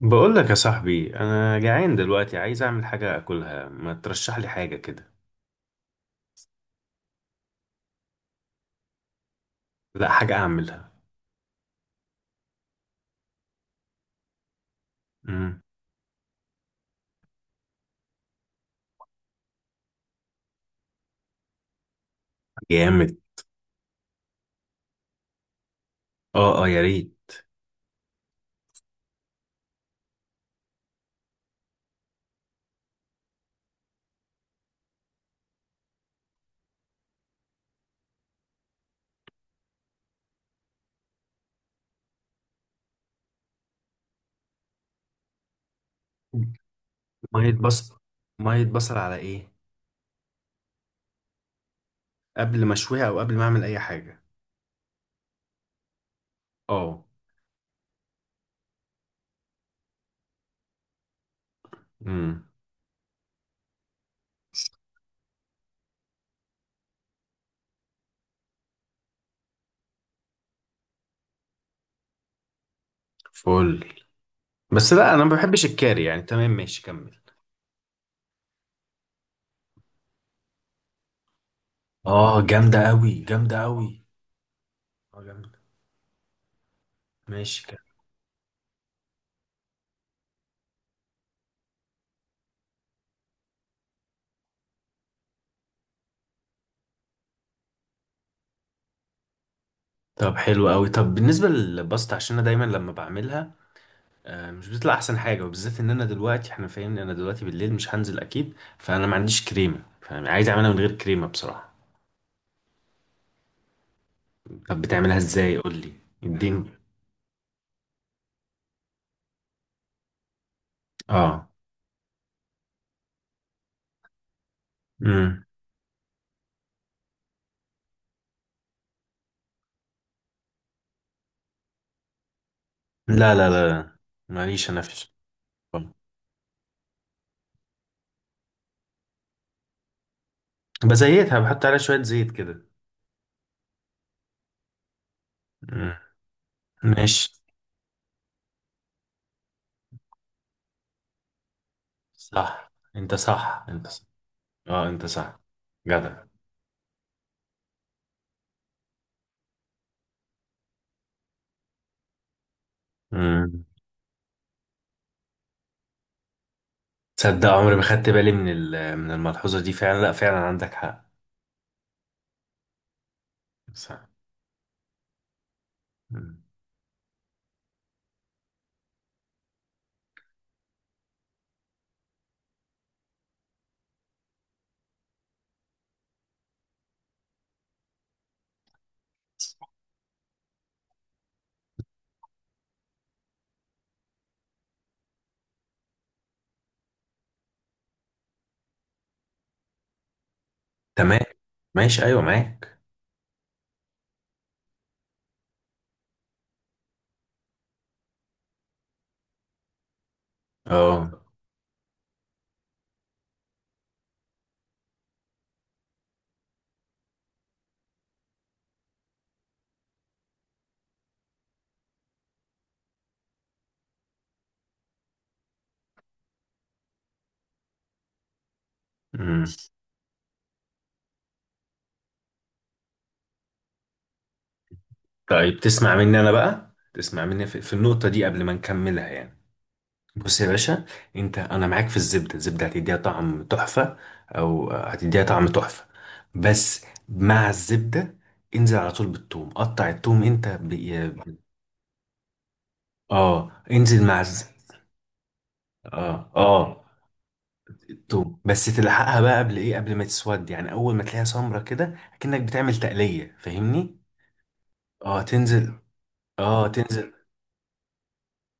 بقول لك يا صاحبي، انا جعان دلوقتي عايز اعمل حاجه اكلها. ما ترشح لي حاجه كده؟ لا، حاجه اعملها. امم. جامد. اه، اه، يا ريت. ميه بصل. ميه بصل على ايه؟ قبل ما اشويها او قبل ما اعمل اي حاجه؟ اه. امم. فل. بس لا، انا ما بحبش الكاري يعني. تمام، ماشي، كمل. اه، جامده قوي، جامده قوي. اه، جامده. ماشي، كمل. طب حلو قوي. طب بالنسبه للباستا، عشان انا دايما لما بعملها مش بتطلع احسن حاجه، وبالذات ان انا دلوقتي، احنا فاهمني، انا دلوقتي بالليل مش هنزل اكيد، فانا ما عنديش كريمه، فعايز اعملها من غير كريمه بصراحه. طب بتعملها ازاي؟ قول لي. اديني. اه. امم. لا لا لا لا. ماليش انا في. بزيتها، بحط عليها شويه زيت كده. مم. ماشي. صح، انت صح، انت صح. اه، انت صح. جدع. امم. تصدق عمري ما خدت بالي من الملحوظه دي؟ فعلا، لا فعلا عندك حق. صح. مم. تمام. ماشي، ايوه، معاك. اه. امم. طيب تسمع مني انا بقى، تسمع مني في النقطه دي قبل ما نكملها يعني. بص يا باشا، انت، انا معاك في الزبده. الزبده هتديها طعم تحفه، او هتديها طعم تحفه بس مع الزبده. انزل على طول بالثوم. قطع الثوم انت اه، انزل مع اه، اه. الثوم بس تلحقها بقى، قبل ايه؟ قبل ما تسود، يعني اول ما تلاقيها سمرة كده كأنك بتعمل تقليه، فاهمني؟ اه، تنزل. اه، تنزل.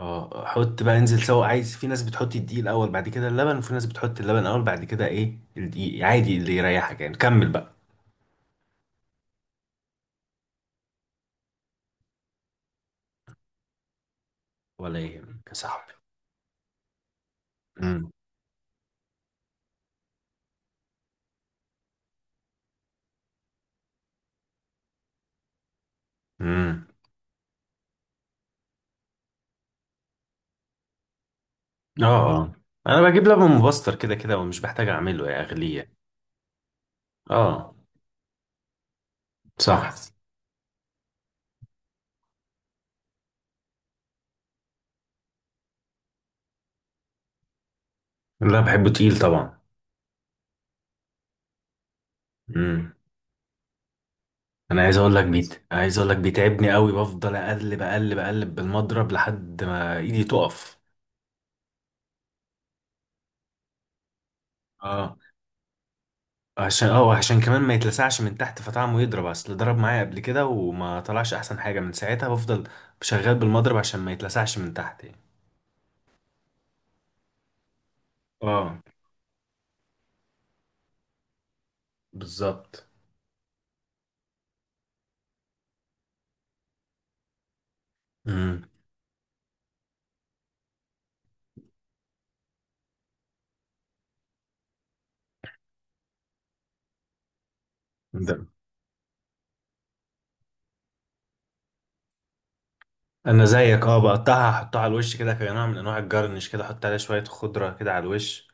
اه، حط بقى، انزل سوا. عايز، في ناس بتحط الدقيق الاول بعد كده اللبن، وفي ناس بتحط اللبن الاول بعد كده ايه الدقيق، عادي اللي يريحك يعني، كمل بقى. ولا يهمك يا صاحبي. امم. امم. اه. اه. انا بجيب لبن مبستر كده كده، ومش بحتاج اعمله يا اغليه. اه. صح. لا، بحبه تقيل طبعا. امم. انا عايز اقول لك بيتعبني قوي، بفضل اقلب اقلب اقلب بالمضرب لحد ما ايدي تقف. اه. عشان اه وعشان كمان ما يتلسعش من تحت، فطعمه يضرب، اصل ضرب معايا قبل كده وما طلعش احسن حاجه، من ساعتها بفضل شغال بالمضرب عشان ما يتلسعش من تحت يعني. اه، بالظبط. امم. ده. انا زيك، بقطعها، احطها على الوش كده كنوع من انواع الجرنش، كده احط عليها شويه خضره كده على الوش.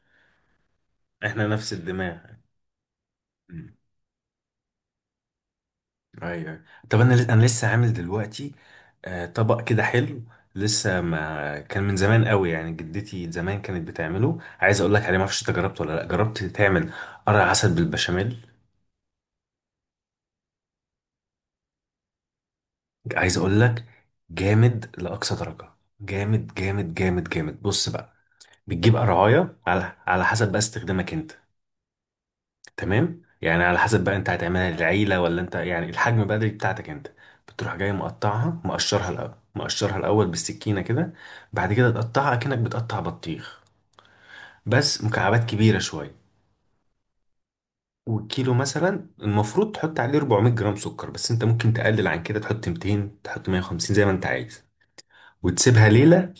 احنا نفس الدماغ. ايوه. طب انا لسه عامل دلوقتي طبق كده حلو، لسه ما كان من زمان قوي، يعني جدتي زمان كانت بتعمله. عايز اقول لك عليه، ما اعرفش انت جربته ولا لا، جربت تعمل قرع عسل بالبشاميل؟ عايز اقول لك. جامد لاقصى درجه. جامد جامد جامد جامد. بص بقى، بتجيب قرعايه على حسب بقى استخدامك انت. تمام يعني، على حسب بقى انت هتعملها للعيله ولا انت، يعني الحجم بقى دي بتاعتك انت. بتروح جاي مقطعها، مقشرها الاول بالسكينه كده. بعد كده تقطعها اكنك بتقطع بطيخ، بس مكعبات كبيره شويه. والكيلو مثلا المفروض تحط عليه 400 جرام سكر، بس انت ممكن تقلل عن كده، تحط 200، تحط 150، زي ما انت عايز. وتسيبها ليله.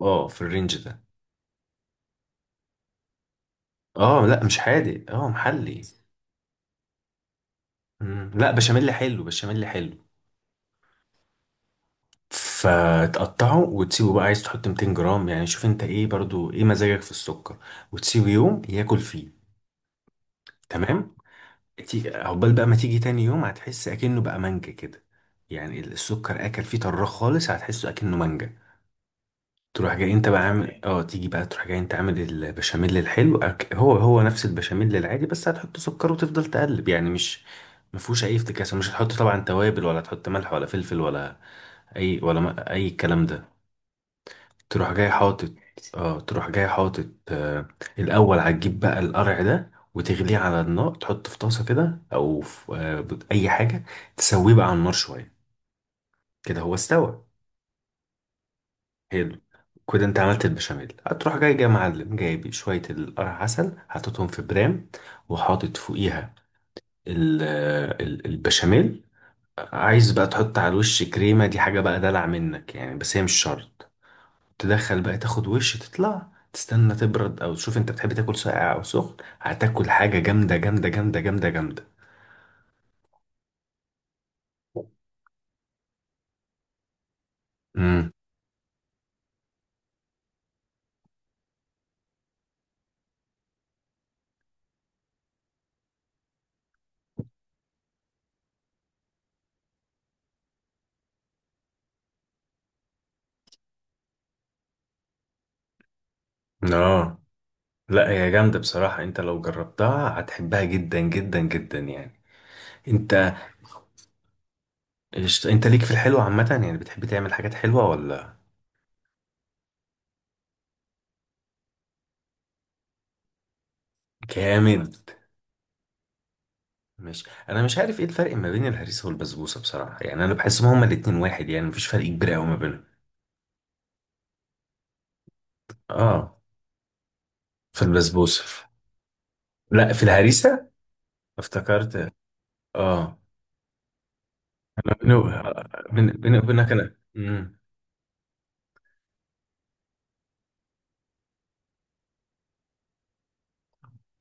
اه، في الرينج ده. اه، لا مش حادق، اه محلي. مم. لا، بشاميل حلو، بشاميل حلو. فتقطعه وتسيبه بقى. عايز تحط 200 جرام يعني؟ شوف انت ايه برضو، ايه مزاجك في السكر. وتسيبه يوم ياكل فيه. تمام. عقبال بقى ما تيجي تاني يوم هتحس اكنه بقى مانجا كده. يعني السكر اكل فيه طراخ خالص، هتحسه اكنه مانجا. تروح جاي انت بقى عامل، تيجي بقى، تروح جاي انت عامل البشاميل الحلو. هو نفس البشاميل العادي، بس هتحط سكر وتفضل تقلب يعني، مش ما فيهوش اي افتكاسه. مش هتحط طبعا توابل، ولا تحط ملح ولا فلفل ولا اي، ولا اي الكلام ده. تروح جاي حاطط. اه، تروح جاي حاطط. الاول هتجيب بقى القرع ده وتغليه على النار، تحطه في طاسه كده او في اي حاجه، تسويه بقى على النار شويه، كده هو استوى. حلو كده، انت عملت البشاميل. هتروح جاي معلم، جايب شويه القرع عسل حاططهم في برام، وحاطط فوقيها البشاميل. عايز بقى تحط على الوش كريمه، دي حاجه بقى دلع منك يعني، بس هي مش شرط. تدخل بقى، تاخد وش تطلع، تستنى تبرد او تشوف انت بتحب تاكل ساقع او سخن. هتاكل حاجه جامده جامده جامده جامده جامده. امم. اه، لا هي جامده بصراحه، انت لو جربتها هتحبها جدا جدا جدا يعني. انت. انت ليك في الحلو عامه يعني، بتحب تعمل حاجات حلوه ولا؟ جامد. مش انا مش عارف ايه الفرق ما بين الهريسه والبسبوسه بصراحه يعني، انا بحسهم هما الاتنين واحد يعني، مفيش فرق كبير قوي ما بينهم. اه، في البسبوسه. لا، في الهريسه. افتكرت. اه. بيني وبينك انا.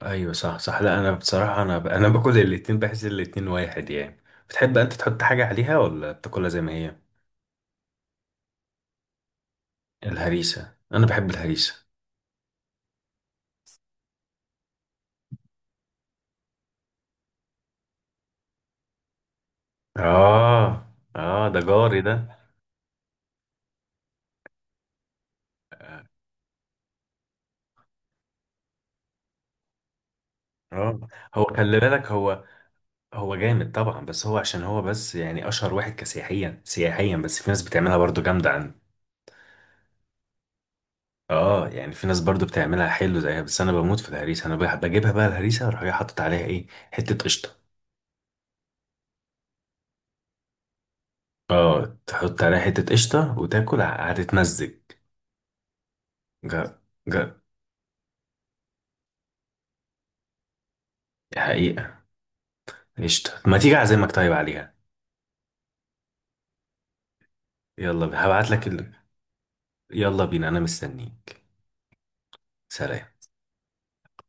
ايوه، صح، صح. لا، انا بصراحه انا باكل الاتنين، بحس الاتنين واحد يعني. بتحب انت تحط حاجه عليها ولا بتاكلها زي ما هي؟ الهريسه. انا بحب الهريسه. اه، اه، ده جاري ده. اه. هو خلي بالك، هو جامد طبعا، بس هو عشان هو بس يعني اشهر واحد كسياحيا سياحيا، بس في ناس بتعملها برضو جامده عندي. اه، يعني في ناس برضو بتعملها حلو زيها، بس انا بموت في الهريسه. انا بجيبها بقى الهريسه واروح جاي حاطط عليها ايه؟ حته قشطه. اه، تحط عليها حتة قشطة وتاكل، هتتمزج. جا. جا. دي حقيقة. قشطة ما تيجي أعزمك طيب عليها. يلا هبعت لك. يلا بينا، أنا مستنيك. سلام.